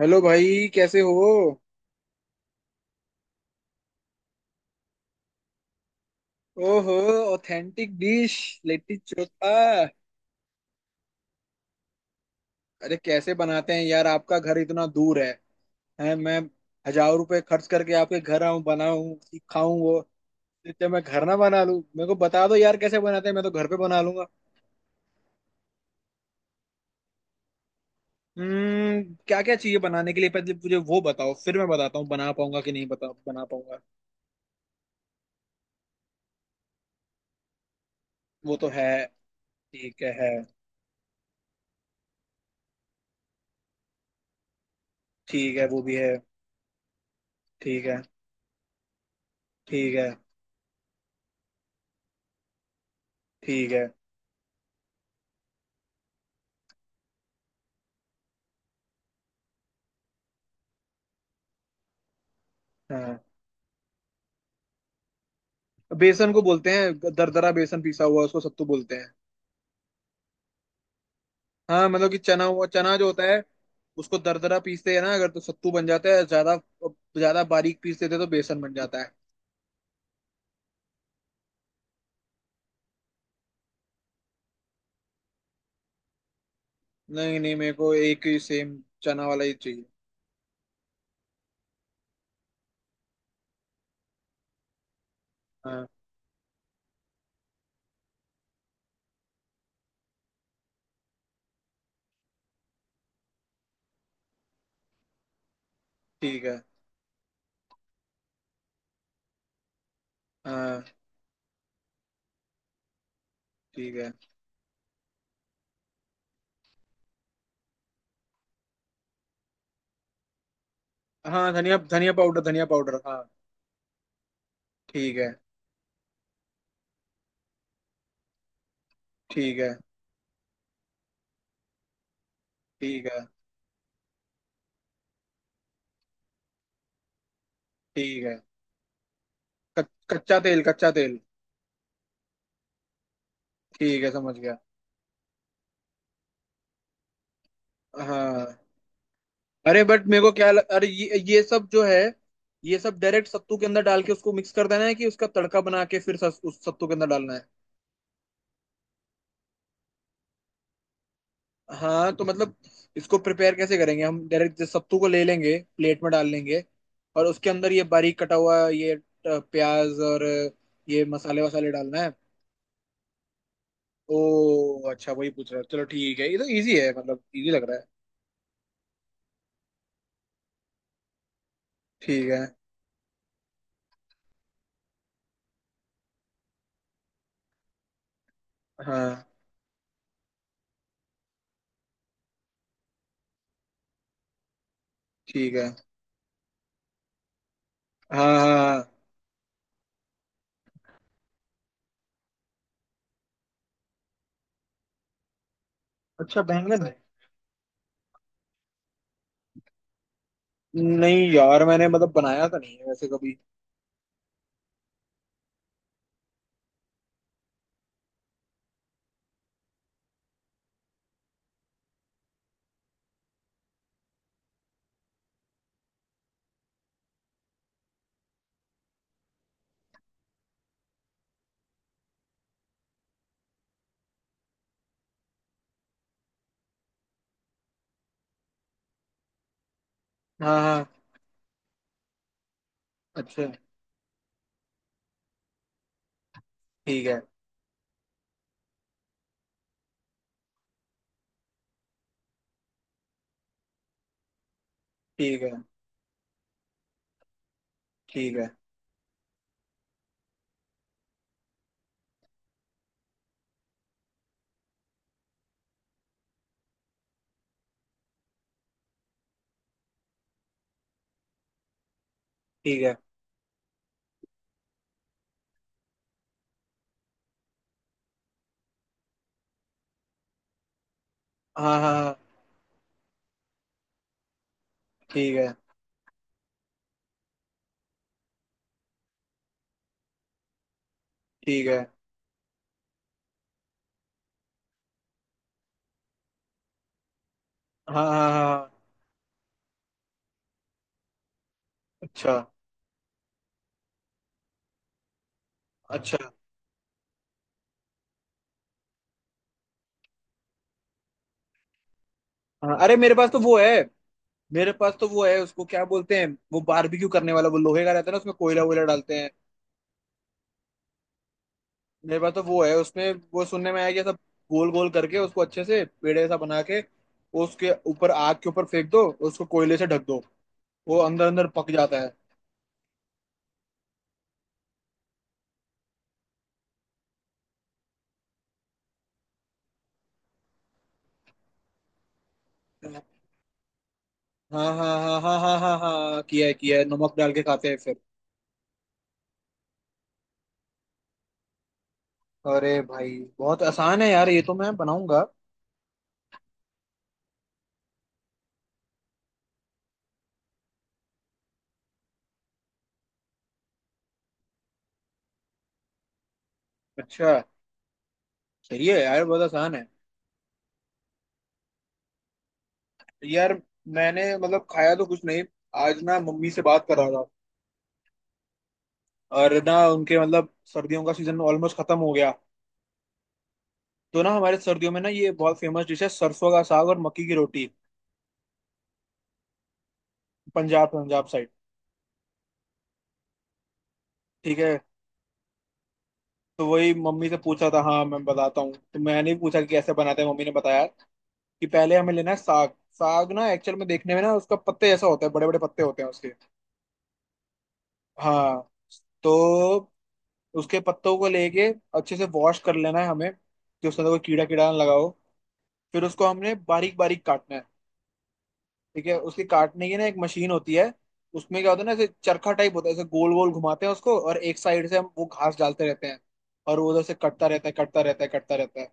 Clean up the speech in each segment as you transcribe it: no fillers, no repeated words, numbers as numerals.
Hello भाई, कैसे हो? ओहो। Authentic dish. लिट्टी चोखा। अरे कैसे बनाते हैं यार? आपका घर इतना दूर है, हैं मैं 1000 रुपए खर्च करके आपके घर आऊं, बनाऊं, खाऊं वो। इससे मैं घर ना बना लूं, मेरे को बता दो यार कैसे बनाते हैं, मैं तो घर पे बना लूंगा। हम्म, क्या क्या चाहिए बनाने के लिए पहले मुझे वो बताओ, फिर मैं बताता हूँ बना पाऊंगा कि नहीं, बता बना पाऊंगा। वो तो है। ठीक है। ठीक है, वो भी है। ठीक है। ठीक है। ठीक है। हाँ। बेसन को बोलते हैं, दरदरा बेसन पीसा हुआ उसको सत्तू बोलते हैं। हाँ मतलब कि चना, हुआ चना जो होता है। उसको दरदरा पीसते हैं ना, अगर तो सत्तू बन जाता है ज्यादा। ज्यादा बारीक पीस देते तो बेसन बन जाता है। नहीं नहीं, मेरे को एक ही सेम चना वाला ही चाहिए। हाँ। ठीक है। हाँ। ठीक है। हाँ, धनिया धनिया पाउडर, धनिया पाउडर। हाँ। ठीक है। ठीक है। ठीक है। ठीक है। कच्चा तेल, कच्चा तेल। ठीक है, समझ गया। हाँ। अरे बट मेरे को अरे ये सब जो है, ये सब डायरेक्ट सत्तू के अंदर डाल के उसको मिक्स कर देना है, कि उसका तड़का बना के फिर उस सत्तू के अंदर डालना है। हाँ तो मतलब, इसको प्रिपेयर कैसे करेंगे? हम डायरेक्ट सत्तू को ले लेंगे, प्लेट में डाल लेंगे, और उसके अंदर ये बारीक कटा हुआ ये प्याज और ये मसाले वसाले डालना है। ओ, अच्छा, वही पूछ रहा है। चलो ठीक है, ये तो इजी है, मतलब इजी लग रहा है। ठीक है। हाँ। ठीक है। हाँ हाँ हाँ। अच्छा, बैंगन है। नहीं यार, मैंने मतलब बनाया तो नहीं है वैसे कभी। हाँ हाँ, अच्छा। ठीक है। ठीक है। ठीक है। ठीक है। हाँ हाँ हाँ। ठीक है। ठीक है। हाँ हाँ हाँ हाँ, अच्छा। अच्छा। हाँ। अरे मेरे पास तो वो है। मेरे पास तो वो है, उसको क्या बोलते हैं? वो बारबेक्यू करने वाला वो लोहे का रहता है ना, उसमें कोयला वोयला डालते हैं। मेरे पास तो वो है, उसमें वो सुनने में आया कि सब गोल गोल करके उसको अच्छे से पेड़ ऐसा बना के उसके ऊपर आग के ऊपर फेंक दो, उसको कोयले से ढक दो, वो अंदर अंदर पक जाता है। हाँ हाँ हाँ हाँ हाँ हाँ हाँ, किया है, किया है, नमक डाल के खाते हैं फिर। अरे भाई बहुत आसान है यार, ये तो मैं बनाऊंगा। अच्छा। सही है यार, बहुत आसान है। यार, मैंने मतलब खाया तो कुछ नहीं। आज ना मम्मी से बात कर रहा था, और ना उनके मतलब सर्दियों का सीजन ऑलमोस्ट खत्म हो गया, तो ना हमारे सर्दियों में ना ये बहुत फेमस डिश है, सरसों का साग और मक्की की रोटी। पंजाब, पंजाब साइड। ठीक है, तो वही मम्मी से पूछा था। हाँ, मैं बताता हूँ, तो मैंने भी पूछा कि कैसे बनाते हैं, मम्मी ने बताया कि पहले हमें लेना है साग। साग ना एक्चुअल में देखने में ना उसका पत्ते जैसा होता है, बड़े बड़े पत्ते होते हैं उसके। हाँ, तो उसके पत्तों को लेके अच्छे से वॉश कर लेना है हमें कि उसके अंदर कोई कीड़ा कीड़ा ना लगा हो। फिर उसको हमने बारीक बारीक काटना है। ठीक है, उसके काटने की ना एक मशीन होती है। उसमें क्या होता है ना, ऐसे चरखा टाइप होता है, ऐसे गोल गोल घुमाते हैं उसको, और एक साइड से हम वो घास डालते रहते हैं, और वो उधर से कटता रहता है, कटता रहता है, कटता रहता है।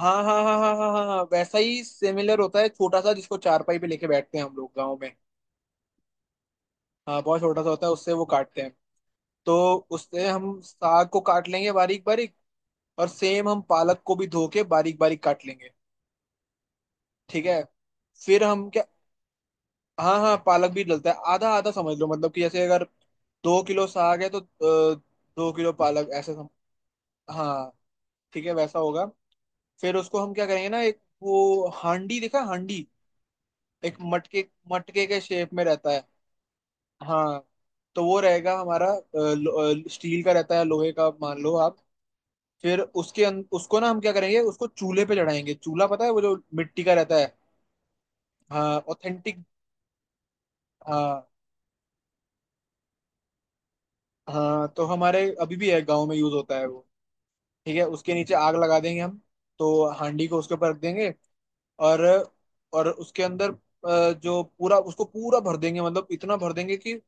हाँ हाँ हाँ हाँ हाँ हाँ हाँ, वैसा ही सिमिलर होता है छोटा सा, जिसको चारपाई पे लेके बैठते हैं हम लोग गाँव में। हाँ, बहुत छोटा सा होता है, उससे वो काटते हैं। तो उससे हम साग को काट लेंगे बारीक बारीक, और सेम हम पालक को भी धो के बारीक बारीक काट लेंगे। ठीक है, फिर हम क्या? हाँ हाँ, पालक भी डलता है, आधा आधा समझ लो मतलब कि जैसे अगर 2 किलो साग है तो 2 किलो पालक ऐसे हाँ, ठीक है, वैसा होगा। फिर उसको हम क्या करेंगे ना, एक वो हांडी, देखा हांडी? एक मटके मटके के शेप में रहता है। हाँ, तो वो रहेगा हमारा स्टील का रहता है, लोहे का मान लो आप। फिर उसको ना हम क्या करेंगे, उसको चूल्हे पे चढ़ाएंगे। चूल्हा पता है? वो जो मिट्टी का रहता है। हाँ, ऑथेंटिक। हाँ हाँ, तो हमारे अभी भी है गांव में, यूज होता है वो। ठीक है, उसके नीचे आग लगा देंगे हम, तो हांडी को उसके ऊपर रख देंगे, और और उसके अंदर जो पूरा, उसको पूरा भर देंगे मतलब इतना भर देंगे कि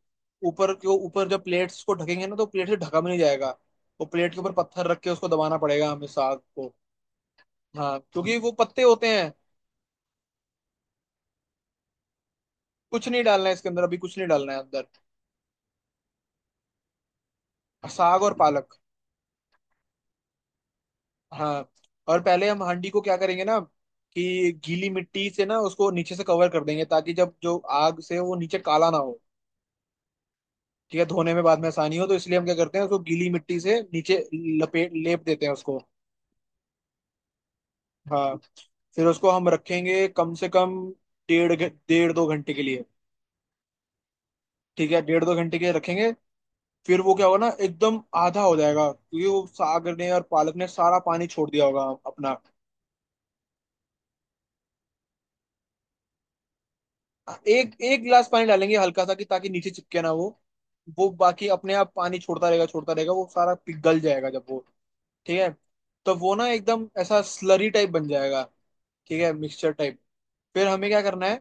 ऊपर के ऊपर जब प्लेट्स को ढकेंगे ना तो प्लेट से ढका भी नहीं जाएगा, वो प्लेट के ऊपर पत्थर रख के उसको दबाना पड़ेगा हमें साग को। हाँ, क्योंकि वो पत्ते होते हैं। कुछ नहीं डालना है इसके अंदर, अभी कुछ नहीं डालना है अंदर। साग और पालक। हाँ, और पहले हम हांडी को क्या करेंगे ना, कि गीली मिट्टी से ना उसको नीचे से कवर कर देंगे, ताकि जब जो आग से वो नीचे काला ना हो। ठीक है, धोने में बाद में आसानी हो, तो इसलिए हम क्या करते हैं उसको गीली मिट्टी से नीचे लपेट लेप देते हैं उसको। हाँ, फिर उसको हम रखेंगे कम से कम डेढ़ दो घंटे के लिए। ठीक है, डेढ़ दो घंटे के लिए रखेंगे। फिर वो क्या होगा ना, एकदम आधा हो जाएगा, क्योंकि वो साग ने और पालक ने सारा पानी छोड़ दिया होगा अपना। एक एक गिलास पानी डालेंगे हल्का सा, कि ताकि नीचे चिपके ना वो। वो बाकी अपने आप पानी छोड़ता रहेगा, छोड़ता रहेगा, वो सारा पिघल जाएगा जब वो। ठीक है, तो वो ना एकदम ऐसा स्लरी टाइप बन जाएगा। ठीक है, मिक्सचर टाइप। फिर हमें क्या करना है,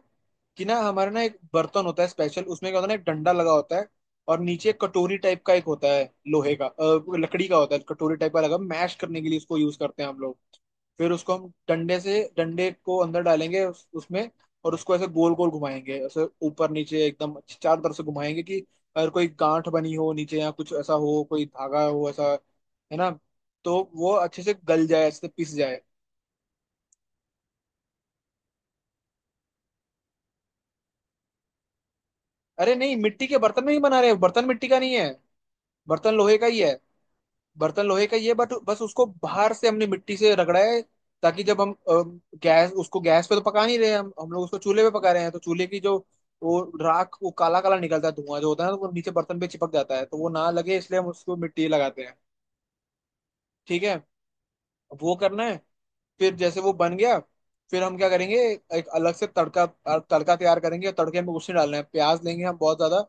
कि ना हमारे ना एक बर्तन होता है स्पेशल, उसमें क्या होता है ना, एक डंडा लगा होता है, और नीचे एक कटोरी टाइप का एक होता है। लोहे का, लकड़ी का होता है कटोरी टाइप का लगा, मैश करने के लिए इसको यूज करते हैं हम लोग। फिर उसको हम डंडे से डंडे को अंदर डालेंगे उसमें, और उसको ऐसे गोल गोल घुमाएंगे, ऐसे ऊपर नीचे एकदम चारों तरफ से घुमाएंगे, कि अगर कोई गांठ बनी हो नीचे या कुछ ऐसा हो, कोई धागा हो ऐसा, है ना, तो वो अच्छे से गल जाए, अच्छे से पिस जाए। अरे नहीं, मिट्टी के बर्तन में ही बना रहे हैं, बर्तन मिट्टी का नहीं है, बर्तन लोहे का ही है। बर्तन लोहे का ही है, बट बस उसको बाहर से हमने मिट्टी से रगड़ा है, ताकि जब हम अ, गैस उसको गैस पे तो पका नहीं रहे, हम लोग उसको चूल्हे पे पका रहे हैं, तो चूल्हे की जो वो राख, वो काला काला निकलता है धुआं जो होता है ना, तो वो नीचे बर्तन पे चिपक जाता है, तो वो ना लगे इसलिए हम उसको मिट्टी लगाते हैं। ठीक है, वो करना है। फिर जैसे वो बन गया, फिर हम क्या करेंगे? एक अलग से तड़का, तड़का तैयार करेंगे। तड़के में कुछ नहीं डालना है, प्याज लेंगे हम बहुत ज्यादा,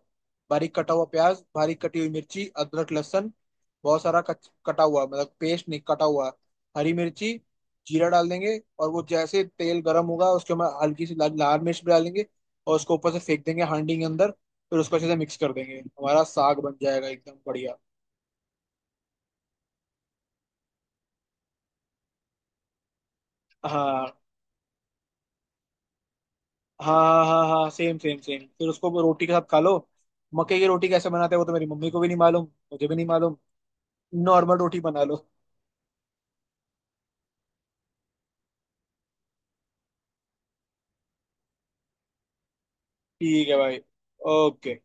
बारीक कटा हुआ प्याज, बारीक कटी हुई मिर्ची, अदरक, लहसुन, बहुत सारा कटा हुआ मतलब पेस्ट नहीं, कटा हुआ, हरी मिर्ची। जीरा डाल देंगे, और वो जैसे तेल गर्म होगा उसके में हल्की सी लाल मिर्च भी डालेंगे, और उसको ऊपर से फेंक देंगे हांडी के अंदर, फिर उसको अच्छे से मिक्स कर देंगे, हमारा साग बन जाएगा एकदम बढ़िया। हाँ हाँ हाँ हाँ, सेम सेम सेम, फिर उसको वो रोटी के साथ खा लो। मक्के की रोटी कैसे बनाते हैं वो तो मेरी मम्मी को भी नहीं मालूम, मुझे भी नहीं मालूम। नॉर्मल रोटी बना लो। ठीक है भाई। ओके।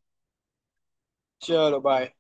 चलो बाय।